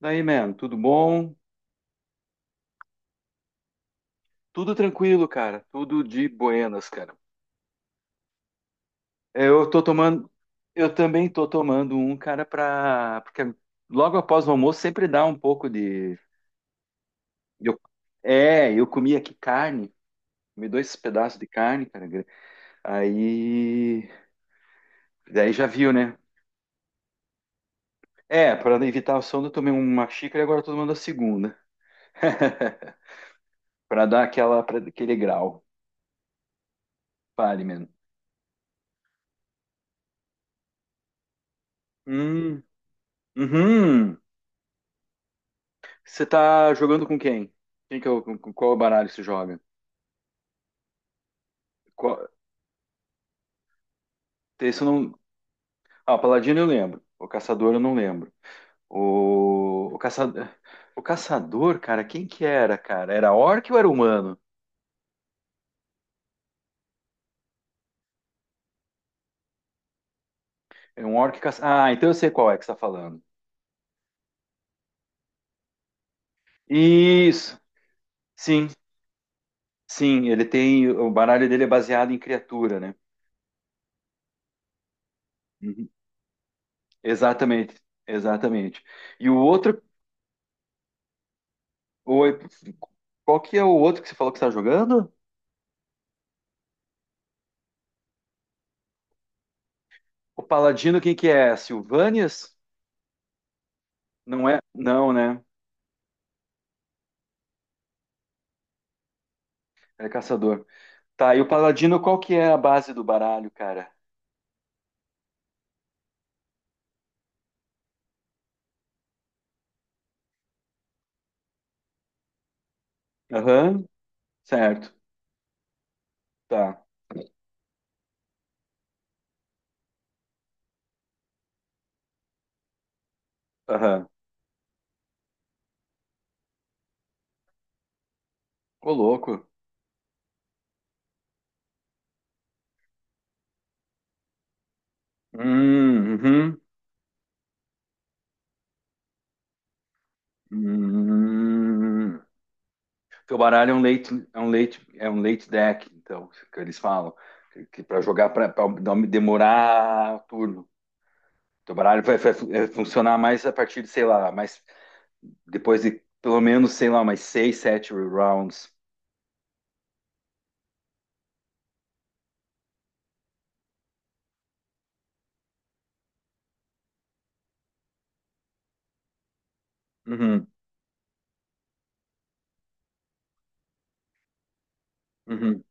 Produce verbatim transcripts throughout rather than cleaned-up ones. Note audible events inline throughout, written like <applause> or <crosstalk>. Daí, man, tudo bom? Tudo tranquilo, cara. Tudo de buenas, cara. Eu tô tomando, eu também tô tomando um, cara, pra. Porque logo após o almoço sempre dá um pouco de. eu- É, eu comi aqui carne, comi dois pedaços de carne, cara. gra- Aí. Daí já viu, né? É, pra evitar o sono, eu tomei uma xícara e agora eu tô tomando a segunda. <laughs> Pra dar aquela, pra- aquele grau. Fale, man. Hum, uhum. Você tá jogando com quem? Quem que é o, com- com qual baralho você joga? Qual, esse eu não. Ah, o Paladino eu lembro. O Caçador eu não lembro. O, o Caçador. O Caçador, cara, quem que era, cara? Era orc ou era humano? É um orc caça... Ah, então eu sei qual é que você tá falando. Isso. Sim, sim. Ele tem. O baralho dele é baseado em criatura, né? Uhum. Exatamente. Exatamente. E o outro. o- Qual que é o outro que você falou que você tá jogando? O Paladino, quem que é? Silvanias? Não é? Não, né? É caçador. Tá, e o paladino, qual que é a base do baralho, cara? Aham, certo. Tá. Aham. Ô, louco. Hum, uhum. Hum. Teu baralho é um late, é um late, é um late deck, então, que eles falam. Que, que para jogar, para demorar turno. Teu baralho vai, vai fu- é, funcionar mais a partir de, sei lá, mais depois de pelo menos, sei lá, mais seis, sete rounds. Uhum, uhum.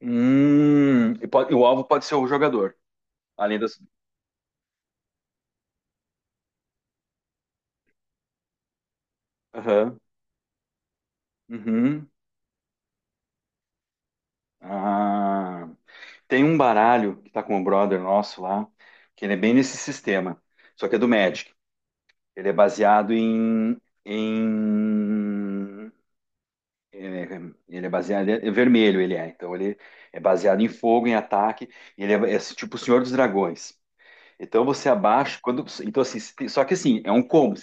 Hum, e, po- e o alvo pode ser o jogador, além das. Aham, uhum. Ah, tem um baralho que tá com o brother nosso lá, que ele é bem nesse sistema, só que é do Magic. Ele é baseado em, em ele ele é baseado é vermelho, ele é. Então ele é baseado em fogo, em ataque. Ele é, é tipo o Senhor dos Dragões. Então você abaixa quando, então assim, se tem- só que assim é um combo.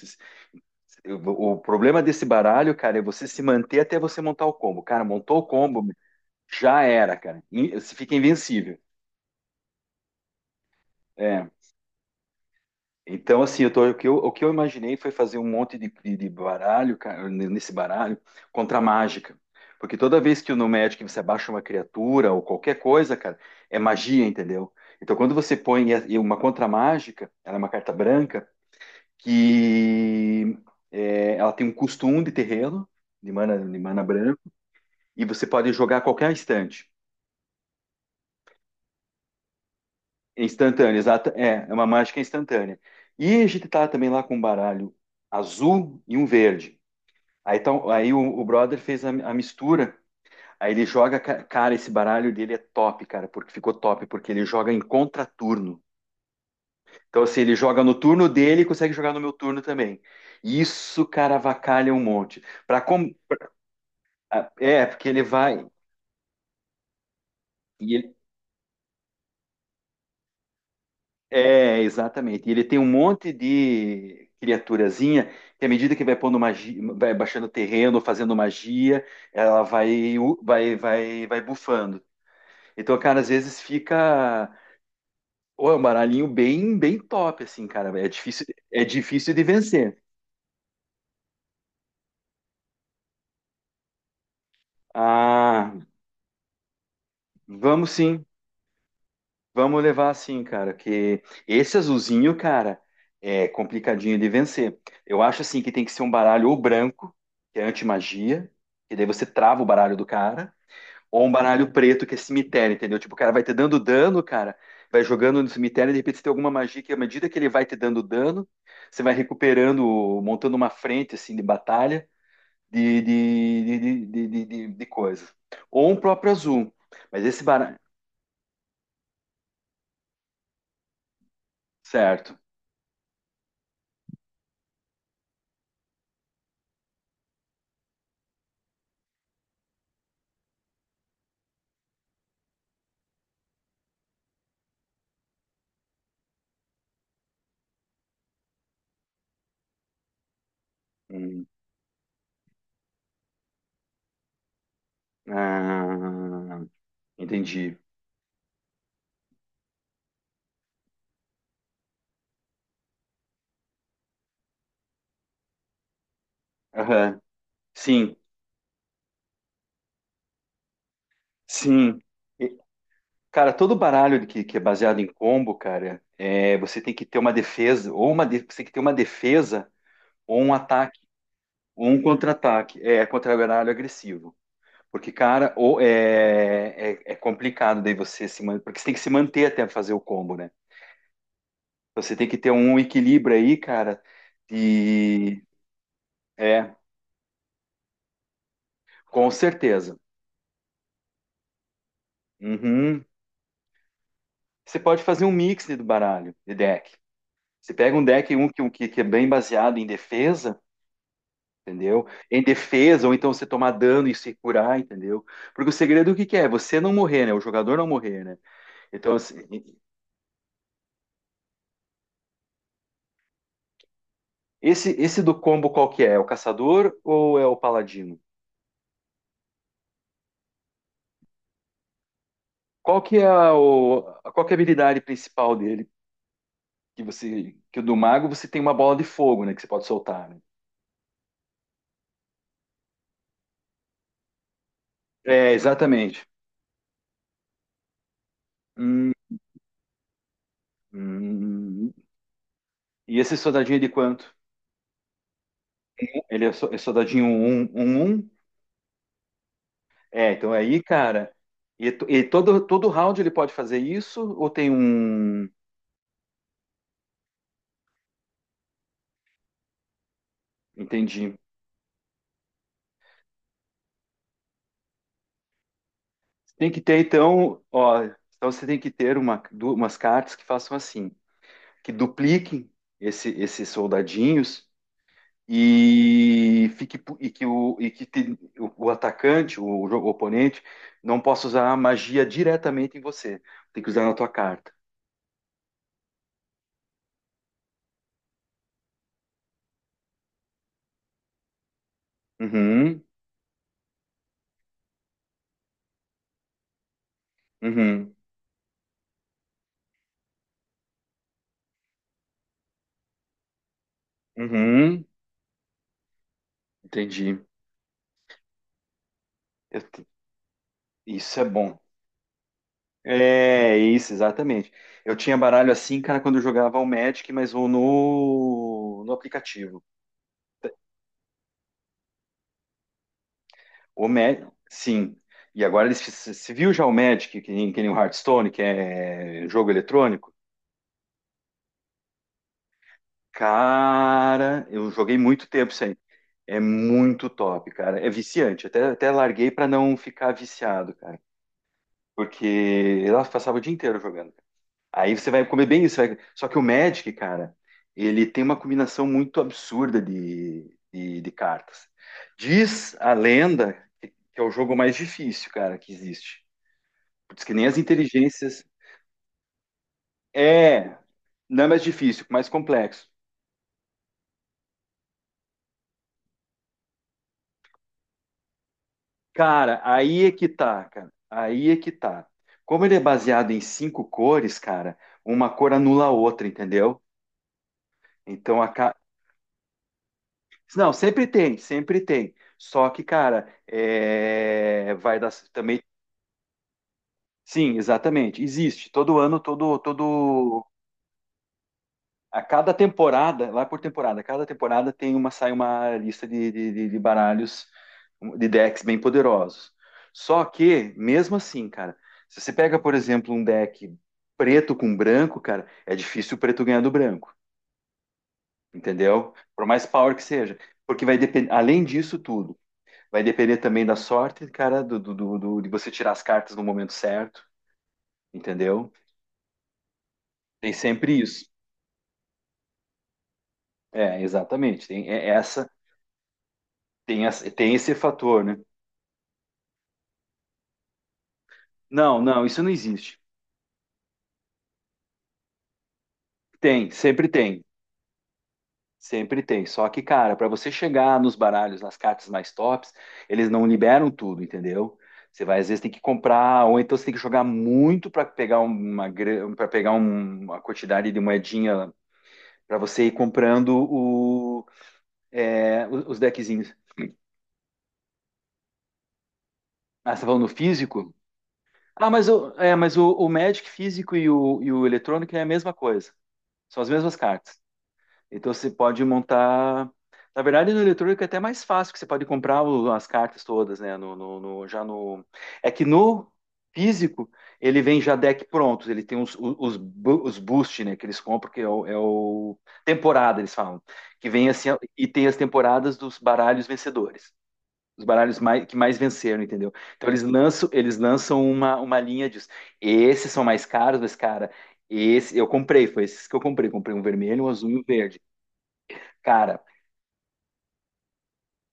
eu- o problema desse baralho, cara, é você se manter até você montar o combo. Cara, montou o combo, já era, cara. In- Você fica invencível. É. Então, assim, eu tô- o que eu, o que eu imaginei foi fazer um monte de, de de baralho, cara, n- nesse baralho, contra a mágica. Porque toda vez que no Magic você abaixa uma criatura ou qualquer coisa, cara, é magia, entendeu? Então, quando você põe e- e uma contra mágica, ela é uma carta branca, que é, ela tem um custo um de terreno, de mana, de mana branca. E você pode jogar a qualquer instante. É Instantânea, exata. É, é uma mágica instantânea. E a gente tá também lá com um baralho azul e um verde. Aí, tá, aí o, o brother fez a, a mistura. Aí ele joga, ca- cara, esse baralho dele é top, cara, porque ficou top, porque ele joga em contraturno. Então, assim, ele joga no turno dele e consegue jogar no meu turno também. Isso, cara, avacalha um monte. Pra com... ah, É, porque ele vai. E ele- É, exatamente. E ele tem um monte de criaturazinha que, à medida que vai pondo magia, vai baixando terreno, fazendo magia, ela vai, vai, vai, vai bufando. Então, cara, às vezes fica. Ou é um baralhinho bem, bem top, assim, cara. É difícil, é difícil de vencer. Ah, vamos sim. Vamos levar assim, cara, que esse azulzinho, cara, é complicadinho de vencer. Eu acho assim que tem que ser um baralho ou branco, que é anti-magia, que daí você trava o baralho do cara, ou um baralho preto, que é cemitério, entendeu? Tipo, o cara vai te dando dano, cara, vai jogando no cemitério, e de repente você tem alguma magia que, à medida que ele vai te dando dano, você vai recuperando, montando uma frente, assim, de batalha, de, de, de, de, de, de, de coisa. Ou um próprio azul. Mas esse baralho. Certo. Hum. Ah, entendi. Aham. Sim, sim. E, cara, todo baralho que, que é baseado em combo, cara, é, você tem que ter uma defesa, ou uma, de- você tem que ter uma defesa, ou um ataque, ou um contra-ataque. É, contra baralho agressivo. Porque, cara, ou é, é, é complicado daí você se manter, porque você tem que se manter até fazer o combo, né? Então, Você tem que ter um equilíbrio aí, cara, e é, com certeza. Uhum, Você pode fazer um mix do baralho, de deck. Você pega um deck um que, um que, que é bem baseado em defesa, entendeu? Em defesa, ou então você tomar dano e se curar, entendeu? Porque o segredo o que que é? Você não morrer, né? O jogador não morrer, né? Então, assim, esse, esse do combo qual que é? É o caçador ou é o paladino? Qual que é a, o, qual que é a habilidade principal dele? Que você, que o do mago você tem uma bola de fogo, né? Que você pode soltar, né? É, exatamente. Hum, hum. E esse soldadinho é de quanto? Ele é, so- é soldadinho um, 1, um. É, então é aí, cara. E, to- e todo, todo round ele pode fazer isso? Ou tem um. Entendi. Tem que ter, então. Ó, então você tem que ter uma, du- umas cartas que façam assim: que dupliquem esse, esses soldadinhos e, fique, pu- e que, o, e que te- o, o atacante, o, jo- o oponente, não possa usar a magia diretamente em você. Tem que usar na tua carta. Uhum, uhum, uhum. Entendi. Eu, Isso é bom. É, isso, exatamente. Eu tinha baralho assim, cara, quando eu jogava o Magic, mas o no, no aplicativo. O Magic, sim. E agora eles se se viu já o Magic, que nem, que nem o Hearthstone, que é jogo eletrônico? Cara, eu joguei muito tempo isso aí. É muito top, cara. É viciante. Até, até larguei pra não ficar viciado, cara. Porque eu passava o dia inteiro jogando. Aí você vai comer bem isso. vai- Só que o Magic, cara, ele tem uma combinação muito absurda de, de, de cartas. Diz a lenda que é o jogo mais difícil, cara, que existe. Diz que nem as inteligências. É, não é mais difícil, mais complexo. Cara, aí é que tá, cara. Aí é que tá. Como ele é baseado em cinco cores, cara, uma cor anula a outra, entendeu? Então a, ca- Não, sempre tem, sempre tem. Só que, cara, é, vai dar também. Sim, exatamente. Existe. Todo ano, todo, todo. A cada temporada, lá por temporada, cada temporada tem uma, sai uma lista de, de, de- de baralhos, um, de decks bem poderosos. Só que, mesmo assim, cara, se você pega, por exemplo, um deck preto com branco, cara, é difícil o preto ganhar do branco, entendeu? Por mais power que seja. Porque vai depender, além disso tudo. Vai depender também da sorte, cara, do, do, do- do- de você tirar as cartas no momento certo, entendeu? Tem sempre isso. É, exatamente. Tem é- é essa, tem, essa- tem esse fator, né? Não, não, isso não existe. Tem, sempre tem. Sempre tem. Só que, cara, para você chegar nos baralhos, nas cartas mais tops, eles não liberam tudo, entendeu? Você vai, às vezes, tem que comprar, ou então você tem que jogar muito para pegar um, uma, para pegar um- uma quantidade de moedinha para você ir comprando o é, os, os deckzinhos. Ah, você tá falando físico? Ah, mas, o, é, mas o, o Magic físico e o, e o eletrônico é a mesma coisa. São as mesmas cartas. Então você pode montar. Na verdade, no eletrônico é até mais fácil, que você pode comprar o- as cartas todas, né? No, no- no- já no. É que no físico ele vem já deck prontos. Ele tem os, os, bu- os boost, né? Que eles compram, que é o, é o temporada, eles falam. Que vem assim, e tem as temporadas dos baralhos vencedores. Os baralhos mais- que mais venceram, entendeu? Então eles lançam, eles lançam uma, uma linha disso. Esses são mais caros, mas, cara, esse eu comprei, foi esses que eu comprei. Comprei um vermelho, um azul e um verde. Cara,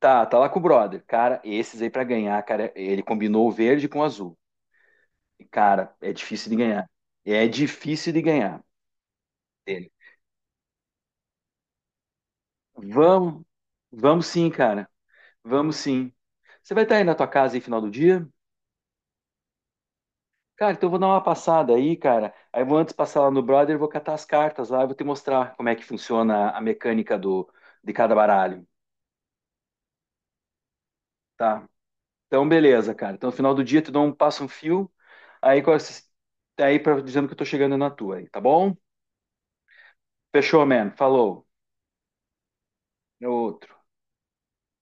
tá, tá lá com o brother. Cara, esses aí pra ganhar, cara, ele combinou o verde com o azul. E, cara, é difícil de ganhar. É difícil de ganhar dele. Vamos, vamos sim, cara. Vamos sim. Você vai estar aí na tua casa aí final do dia? Cara, então eu vou dar uma passada aí, cara. Aí eu vou antes passar lá no brother, eu vou catar as cartas lá, eu vou te mostrar como é que funciona a mecânica do, de cada baralho, tá? Então, beleza, cara. Então, no final do dia, eu te dou um passo um fio, aí, com esses- aí pra, dizendo que eu tô chegando na tua aí, tá bom? Fechou, man. Falou. É outro.